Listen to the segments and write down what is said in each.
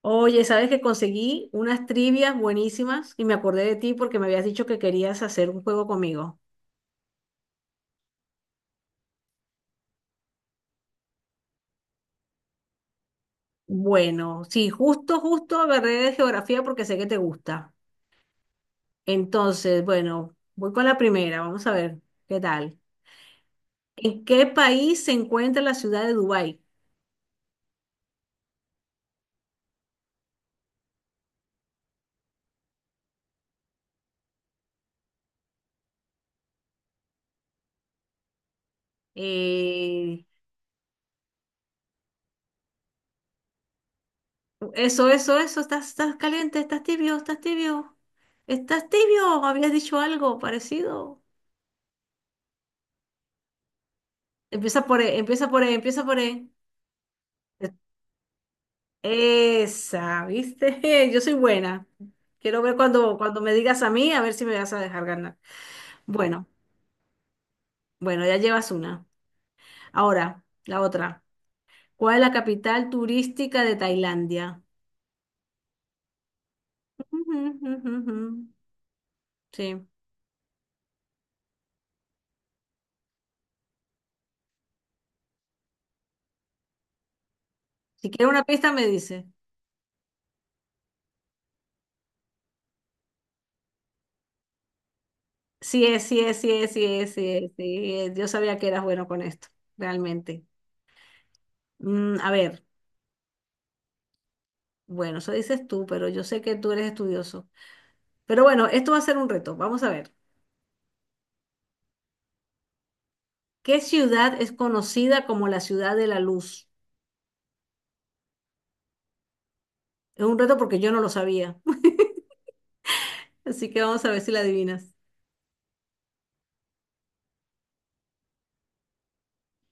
Oye, sabes que conseguí unas trivias buenísimas y me acordé de ti porque me habías dicho que querías hacer un juego conmigo. Bueno, sí, justo agarré de geografía porque sé que te gusta. Entonces, bueno, voy con la primera, vamos a ver qué tal. ¿En qué país se encuentra la ciudad de Dubái? Eh, eso, eso, eso, estás caliente, estás tibio, estás tibio, estás tibio, habías dicho algo parecido. Empieza por E, empieza por E, empieza por E. Esa, ¿viste? Yo soy buena. Quiero ver cuando me digas a mí, a ver si me vas a dejar ganar. Bueno, bueno, ya llevas una. Ahora, la otra. ¿Cuál es la capital turística de Tailandia? Sí. Si quieres una pista, me dice. Sí es, sí es, sí es, sí es, sí es, sí es. Yo sabía que eras bueno con esto, realmente. Mm, a ver, bueno, eso dices tú, pero yo sé que tú eres estudioso. Pero bueno, esto va a ser un reto. Vamos a ver. ¿Qué ciudad es conocida como la ciudad de la luz? Es un reto porque yo no lo sabía, así que vamos a ver si la adivinas.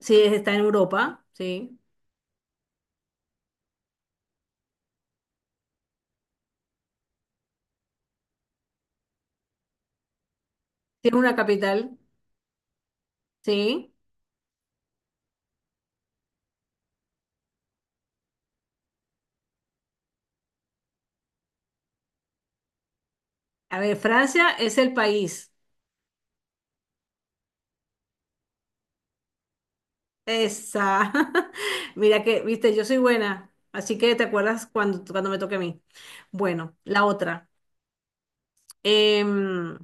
Sí, está en Europa, sí. Tiene una capital, sí. A ver, Francia es el país. Esa. Mira que, viste, yo soy buena, así que te acuerdas cuando me toque a mí. Bueno, la otra. Em,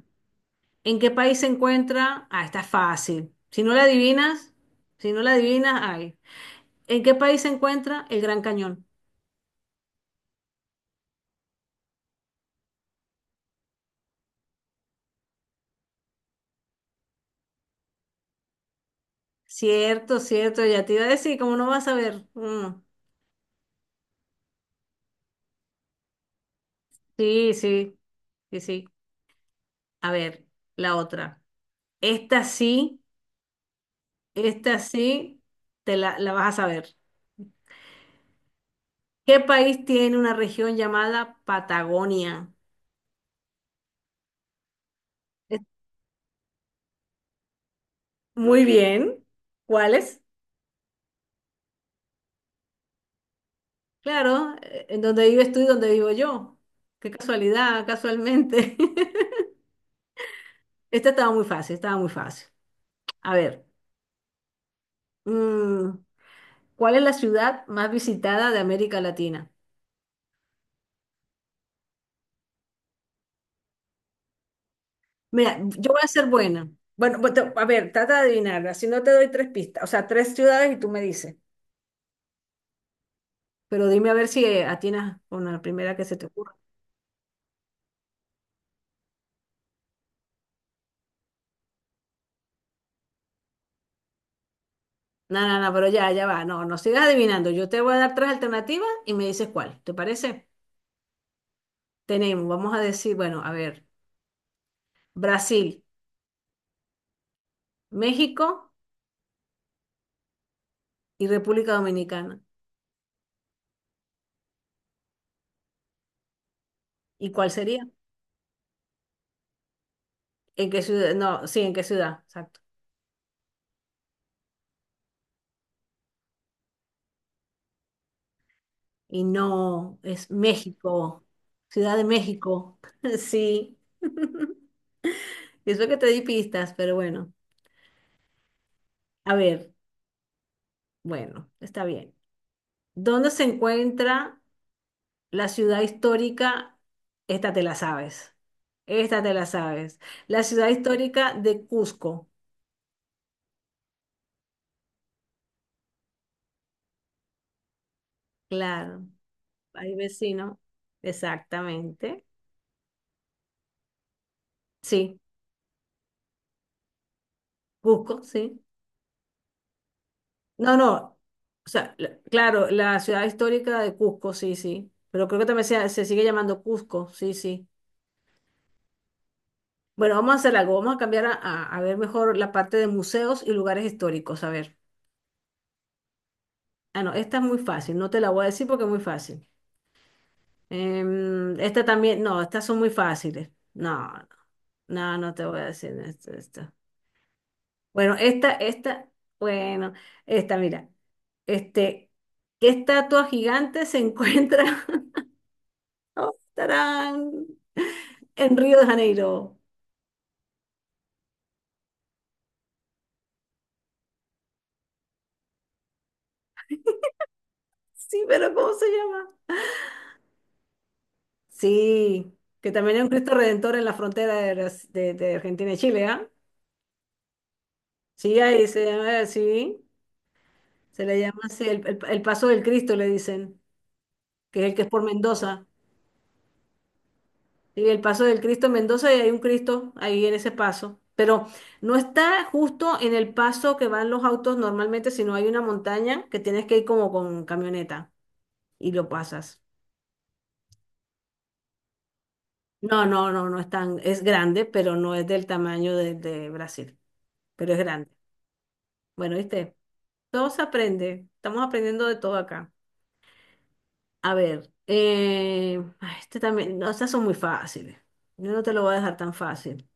¿En qué país se encuentra? Ah, está fácil. Si no la adivinas, si no la adivinas, ay. ¿En qué país se encuentra el Gran Cañón? Cierto, cierto, ya te iba a decir, ¿cómo no vas a ver? Mm, sí, sí, sí, sí. A ver, la otra. Esta sí, esta sí, te la vas a saber. ¿Qué país tiene una región llamada Patagonia? Es- Muy bien. ¿Cuáles? Claro, en donde vives tú y donde vivo yo. Qué casualidad, casualmente. Esta estaba muy fácil, estaba muy fácil. A ver, mm, ¿cuál es la ciudad más visitada de América Latina? Mira, yo voy a ser buena. Bueno, a ver, trata de adivinar. Así no te doy tres pistas, o sea, tres ciudades y tú me dices. Pero dime a ver si atinas con la primera que se te ocurra. No, no, no, pero ya, ya va. No, no sigas adivinando. Yo te voy a dar tres alternativas y me dices cuál. ¿Te parece? Tenemos, vamos a decir, bueno, a ver, Brasil, México y República Dominicana. ¿Y cuál sería? ¿En qué ciudad? No, sí, ¿en qué ciudad? Exacto. Y no, es México, Ciudad de México. Sí. Eso que te di pistas, pero bueno. A ver, bueno, está bien. ¿Dónde se encuentra la ciudad histórica? Esta te la sabes. Esta te la sabes. La ciudad histórica de Cusco. Claro, ahí vecino. Exactamente. Sí, Cusco, sí. No, no. O sea, claro, la ciudad histórica de Cusco, sí, sí. Pero creo que también se sigue llamando Cusco, sí, sí. Bueno, vamos a hacer algo, vamos a cambiar a ver mejor la parte de museos y lugares históricos. A ver. Ah, no, esta es muy fácil, no te la voy a decir porque es muy fácil. Em, esta también, no, estas son muy fáciles. No, no, no te voy a decir esto, esto. Bueno, esta, bueno, esta, mira. Este, ¿qué estatua gigante se encuentra? Oh, tarán, en Río de Janeiro. Sí, pero ¿cómo se llama? Sí, que también hay un Cristo Redentor en la frontera de, de Argentina y Chile, ¿ah? Sí, ahí se llama así, se le llama así, el, el Paso del Cristo le dicen, que es el que es por Mendoza. Sí, el Paso del Cristo en Mendoza y hay un Cristo ahí en ese paso, pero no está justo en el paso que van los autos normalmente, sino hay una montaña que tienes que ir como con camioneta y lo pasas. No, no, no, no es tan, es grande, pero no es del tamaño de Brasil, pero es grande. Bueno, ¿viste? Todo se aprende. Estamos aprendiendo de todo acá. A ver, ay, este también, no, estas son muy fáciles. Yo no te lo voy a dejar tan fácil.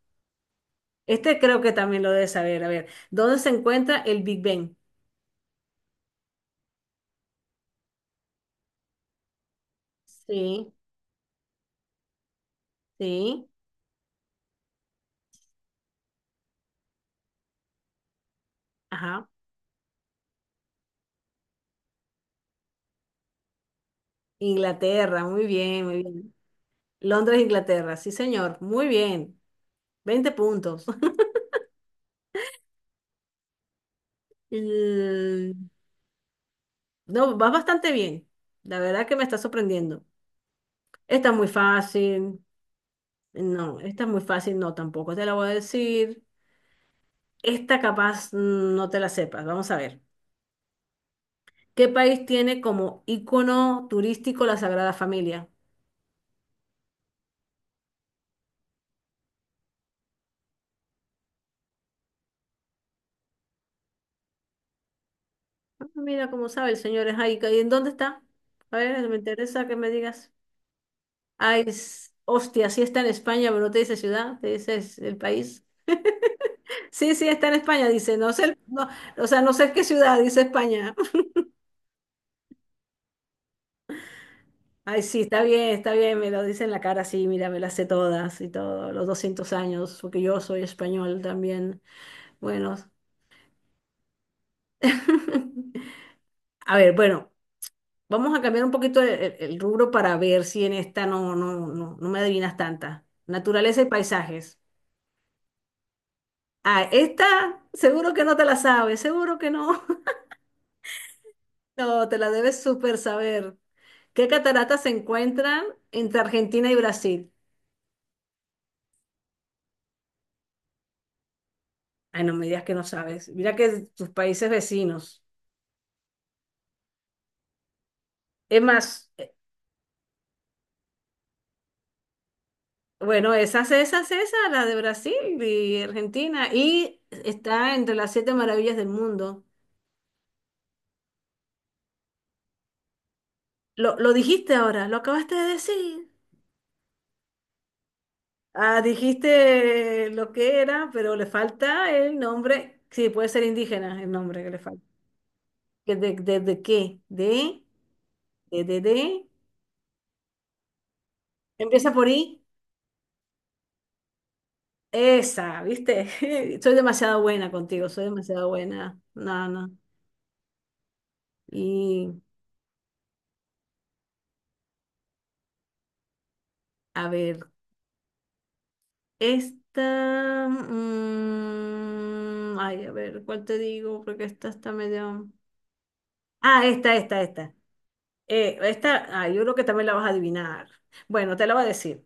Este creo que también lo debes saber. A ver, ¿dónde se encuentra el Big Ben? Sí, sí, ajá. Inglaterra, muy bien, muy bien. Londres, Inglaterra, sí, señor, muy bien. 20 puntos. Mm, no, vas bastante bien. La verdad que me está sorprendiendo. Está muy fácil. No, esta es muy fácil, no tampoco te la voy a decir. Esta capaz mm, no te la sepas, vamos a ver. ¿Qué país tiene como ícono turístico la Sagrada Familia? Ah, mira cómo sabe el señor es ahí. ¿Y en dónde está? A ver, me interesa que me digas. Ay, hostia, sí está en España, pero no te dice ciudad, te dice es el país. Sí, sí, está en España, dice, no sé, o sea, no sé qué ciudad, dice España. Ay, sí, está bien, me lo dice en la cara, sí, mira, me las sé todas y todo, los 200 años, porque yo soy español también. Bueno, a ver, bueno, vamos a cambiar un poquito el, el rubro para ver si en esta no, no, no, no me adivinas tanta. Naturaleza y paisajes. Ah, esta seguro que no te la sabes, seguro que no. No, te la debes súper saber. ¿Qué cataratas se encuentran entre Argentina y Brasil? Ay, no me digas que no sabes. Mira que tus países vecinos. Es más. Bueno, esas, esas, esas, la de Brasil y Argentina. Y está entre las 7 maravillas del mundo. Lo dijiste ahora, lo acabaste de decir. Ah, dijiste lo que era, pero le falta el nombre. Sí, puede ser indígena el nombre que le falta. De qué? ¿De? De, de? Empieza por I. Esa, ¿viste? Soy demasiado buena contigo, soy demasiado buena. No, no. Y a ver. Esta, mm, ay, a ver, ¿cuál te digo? Porque esta está medio... Ah, esta, esta, esta. Esta, ah, yo creo que también la vas a adivinar. Bueno, te la voy a decir.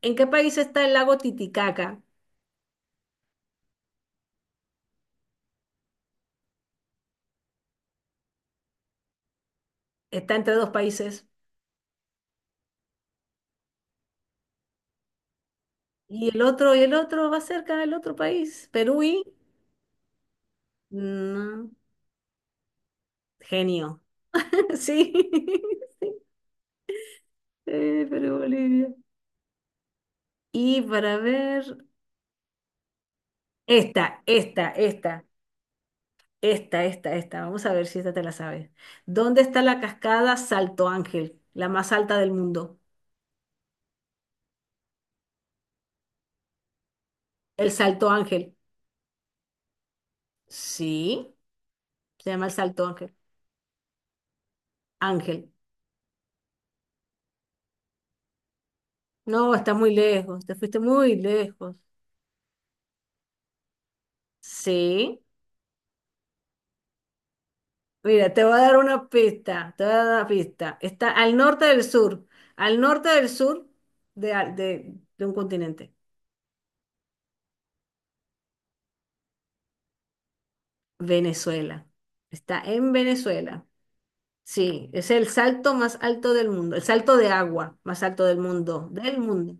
¿En qué país está el lago Titicaca? Está entre dos países. Y el otro va cerca del otro país. Perú y... no, genio. Sí, sí, Perú, Bolivia. Y para ver, esta, esta, esta. Esta, esta, esta. Vamos a ver si esta te la sabes. ¿Dónde está la cascada Salto Ángel, la más alta del mundo? El Salto Ángel. Sí, se llama el Salto Ángel. Ángel. No, está muy lejos, te fuiste muy lejos. Sí. Mira, te voy a dar una pista, te voy a dar una pista. Está al norte del sur, al norte del sur de, de un continente. Venezuela. Está en Venezuela. Sí, es el salto más alto del mundo, el salto de agua más alto del mundo,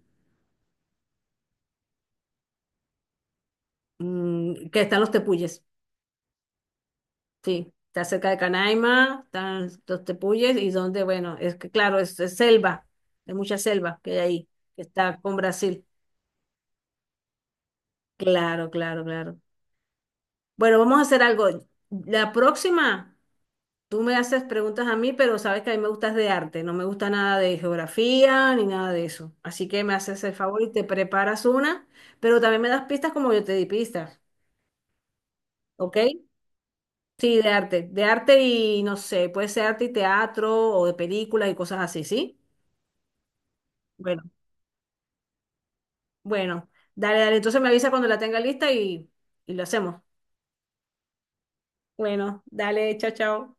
mm, que están los tepuyes, sí, está cerca de Canaima, están los tepuyes y donde, bueno, es que claro, es selva, hay mucha selva que hay ahí, que está con Brasil, claro, claro, claro. Bueno, vamos a hacer algo, la próxima tú me haces preguntas a mí, pero sabes que a mí me gustas de arte, no me gusta nada de geografía ni nada de eso. Así que me haces el favor y te preparas una, pero también me das pistas como yo te di pistas, ¿ok? Sí, de arte y no sé, puede ser arte y teatro o de películas y cosas así, ¿sí? Bueno, bueno, dale, dale, entonces me avisa cuando la tenga lista y lo hacemos. Bueno, dale, chao, chao.